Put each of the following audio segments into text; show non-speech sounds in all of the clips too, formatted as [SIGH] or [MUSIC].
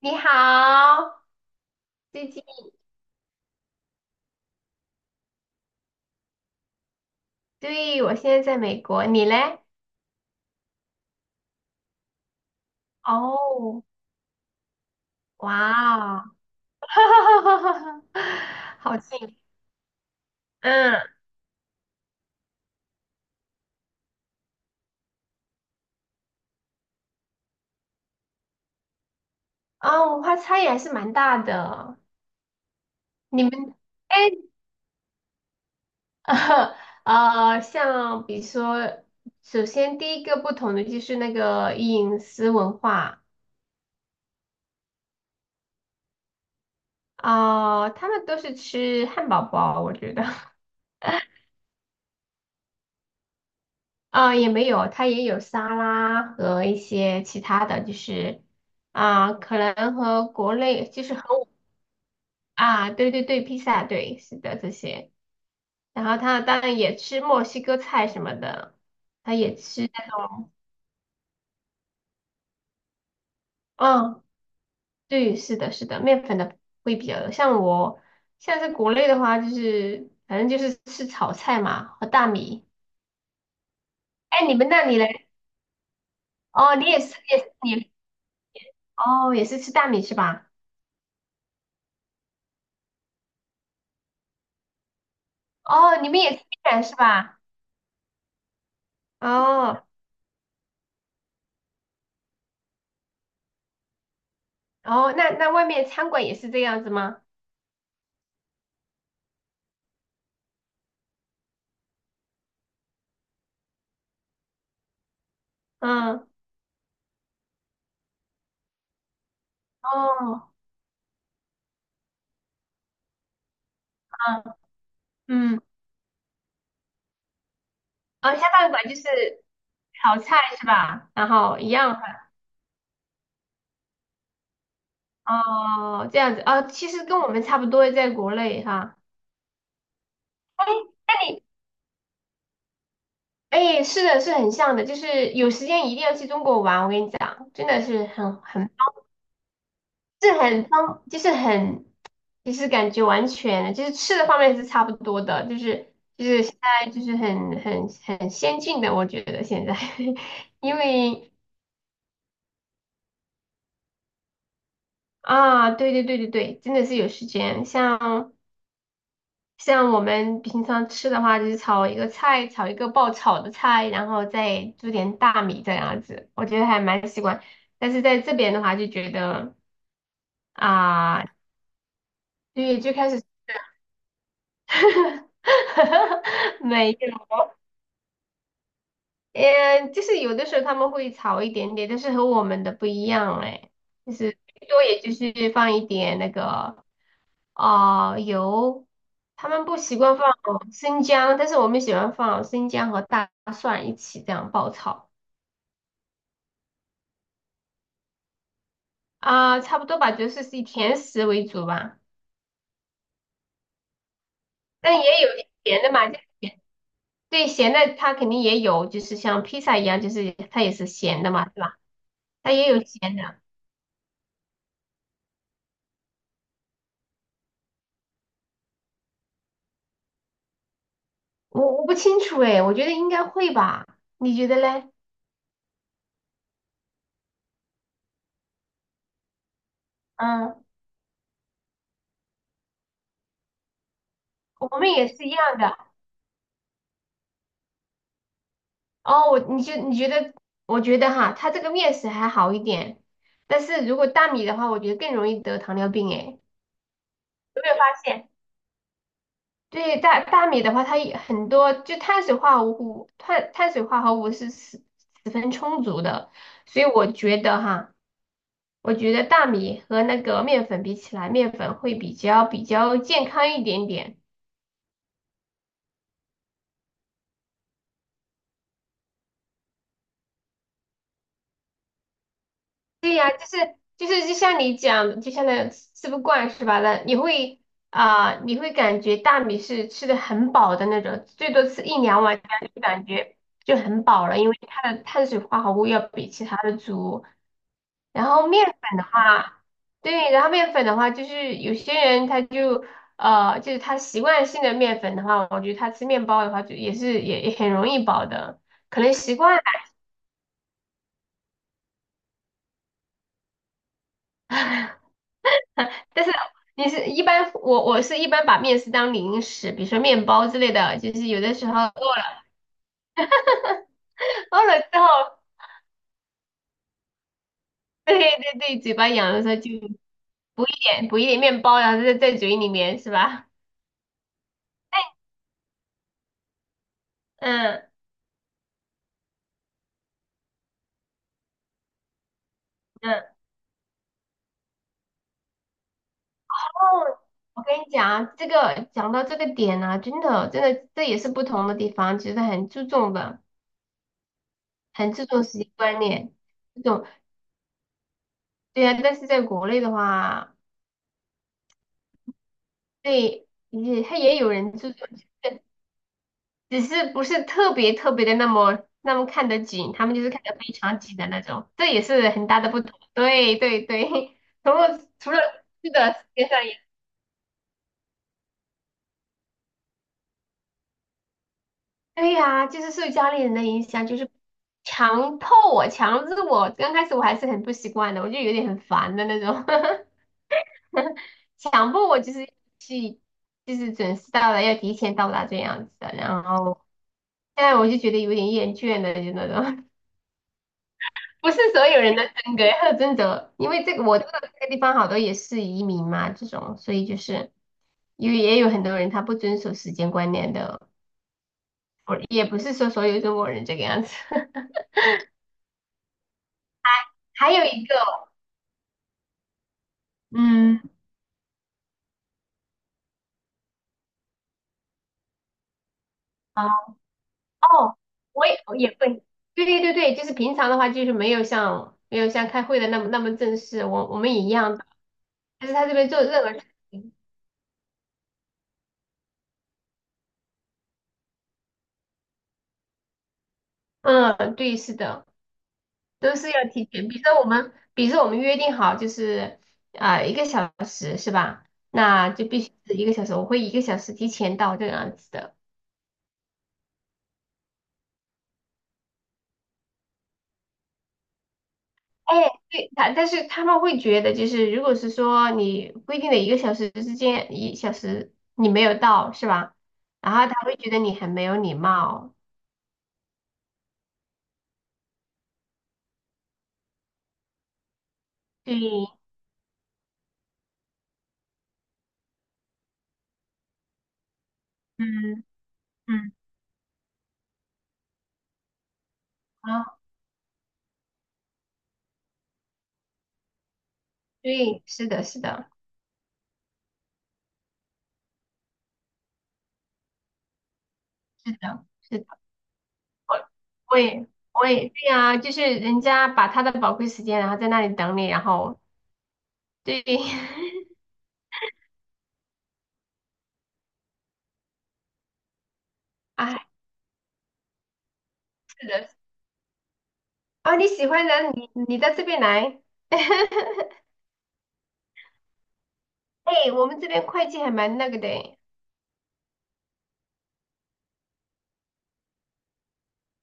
你好，最近，对，我现在在美国，你嘞？哦，哇哦，[LAUGHS] 好近，嗯，啊，文化差异还是蛮大的。你们，哎，[LAUGHS] 像比如说，首先第一个不同的就是那个饮食文化，啊、他们都是吃汉堡包，我觉得。啊、也没有，它也有沙拉和一些其他的，就是啊、可能和国内就是和我啊，对对对，披萨，对，是的，这些。然后他当然也吃墨西哥菜什么的，他也吃，嗯，对，是的，是的，面粉的会比较多。像我，像是国内的话，就是反正就是吃炒菜嘛和大米。哎，你们那里嘞？哦，你也是，也是你，哦，也是吃大米是吧？哦，你们也是面是吧？哦哦，那外面餐馆也是这样子吗？嗯，哦，嗯嗯，哦，下饭馆就是炒菜是吧？然后一样，哦，这样子，哦，其实跟我们差不多，在国内哈。哎，那你，哎，是的，是很像的，就是有时间一定要去中国玩，我跟你讲，真的是很，是很方，就是很其实感觉完全就是吃的方面是差不多的，就是现在就是很先进的，我觉得现在，[LAUGHS] 因为啊，对对对对对，真的是有时间，像我们平常吃的话，就是炒一个菜，炒一个爆炒的菜，然后再煮点大米这样子，我觉得还蛮习惯。但是在这边的话，就觉得啊，对，就开始 [LAUGHS] 没有。[LAUGHS] 嗯，就是有的时候他们会炒一点点，但是和我们的不一样哎，就是最多也就是放一点那个啊、油，他们不习惯放生姜，但是我们喜欢放生姜和大蒜一起这样爆炒啊、差不多吧，就是是以甜食为主吧，但也有咸的嘛，就是咸对咸的它肯定也有，就是像披萨一样，就是它也是咸的嘛，是吧？它也有咸的，我不清楚哎，我觉得应该会吧，你觉得嘞？嗯，我们也是一样的。哦，我你就你觉得，我觉得哈，它这个面食还好一点，但是如果大米的话，我觉得更容易得糖尿病。哎，有没有发现？对，大米的话，它也很多就碳水化合物，碳水化合物是十分充足的，所以我觉得哈，我觉得大米和那个面粉比起来，面粉会比较健康一点点。对呀，就是就像你讲的，就像那吃不惯是吧？那你会啊、你会感觉大米是吃的很饱的那种，最多吃一两碗，这样就感觉就很饱了，因为它的碳水化合物要比其他的足。然后面粉的话，对，然后面粉的话，就是有些人他就就是他习惯性的面粉的话，我觉得他吃面包的话，就也是也很容易饱的，可能习惯。但是你是一般，我是一般把面食当零食，比如说面包之类的，就是有的时候饿了之后，对对对，嘴巴痒的时候就补一点补一点面包，然后在嘴里面是吧？嗯嗯。哦，我跟你讲啊，这个讲到这个点呢、真的真的这也是不同的地方，其实很注重的，很注重时间观念，这种对啊，但是在国内的话，对也他也有人注重。只是不是特别特别的那么那么看得紧，他们就是看得非常紧的那种，这也是很大的不同。对对对，[LAUGHS] 除了吃的时间上也，对呀、就是受家里人的影响，就是强迫我、强制我。刚开始我还是很不习惯的，我就有点很烦的那种，[LAUGHS] 强迫我就是去就是准时到了，要提前到达这样子的。然后现在我就觉得有点厌倦了，就那种。不是所有人的真格要真的，因为这个我这个地方好多也是移民嘛，这种，所以就是因为也有很多人他不遵守时间观念的，我也不是说所有中国人这个样子。[LAUGHS] 还有一个，嗯，啊，哦，我也会，对对对对，就是平常的话就是没有像开会的那么那么正式，我们也一样的，但是他这边做任何事情，嗯，对，是的。都是要提前。比如说我们，比如说我们约定好就是啊、一个小时是吧？那就必须是一个小时，我会一个小时提前到这样子的。哎，对，但是他们会觉得，就是如果是说你规定的一个小时之间，一小时你没有到是吧？然后他会觉得你很没有礼貌。对，嗯嗯，啊，对，是的，是的，是的。是的我我也我也对呀，就是人家把他的宝贵时间，然后在那里等你，然后对，[LAUGHS] 哎，是的，啊，你喜欢的，你到这边来，[LAUGHS] 哎，我们这边会计还蛮那个的诶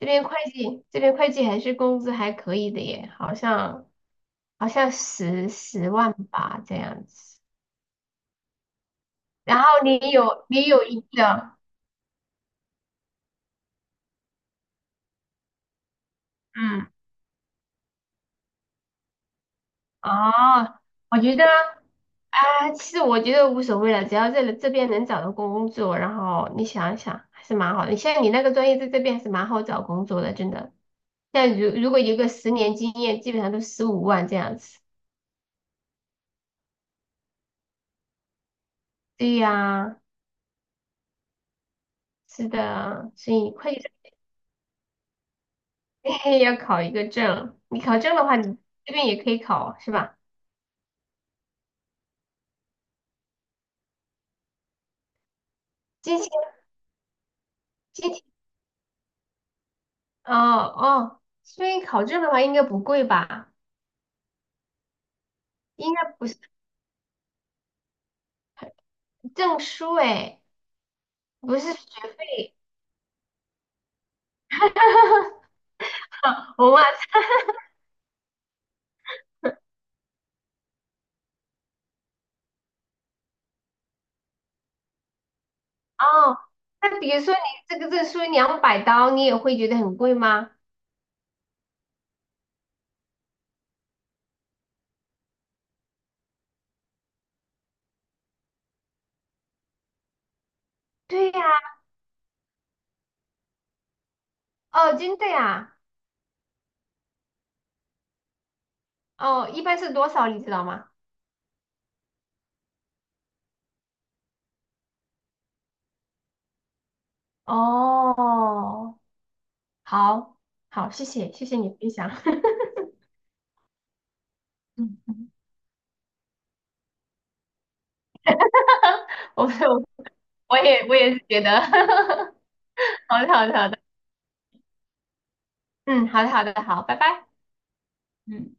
这边会计还是工资还可以的耶，好像十万吧这样子，然后你有一个，嗯，哦，我觉得。啊，其实我觉得无所谓了，只要这边能找到工作，然后你想一想，还是蛮好的。你像你那个专业在这边还是蛮好找工作的，真的。像如果有个10年经验，基本上都15万这样子。对呀，是的，所以会 [LAUGHS] 计要考一个证。你考证的话，你这边也可以考，是吧？今天今天哦哦，所以考证的话应该不贵吧？应该不是证书诶，不是学费。[LAUGHS] 我们哦，那比如说你这个证书$200，你也会觉得很贵吗？对呀，哦，真的呀，哦，一般是多少你知道吗？哦，好，好，谢谢，谢谢你分享。[LAUGHS] 嗯我我也是觉得，[LAUGHS] 好的好的好的，嗯，好的好的好，拜拜。嗯。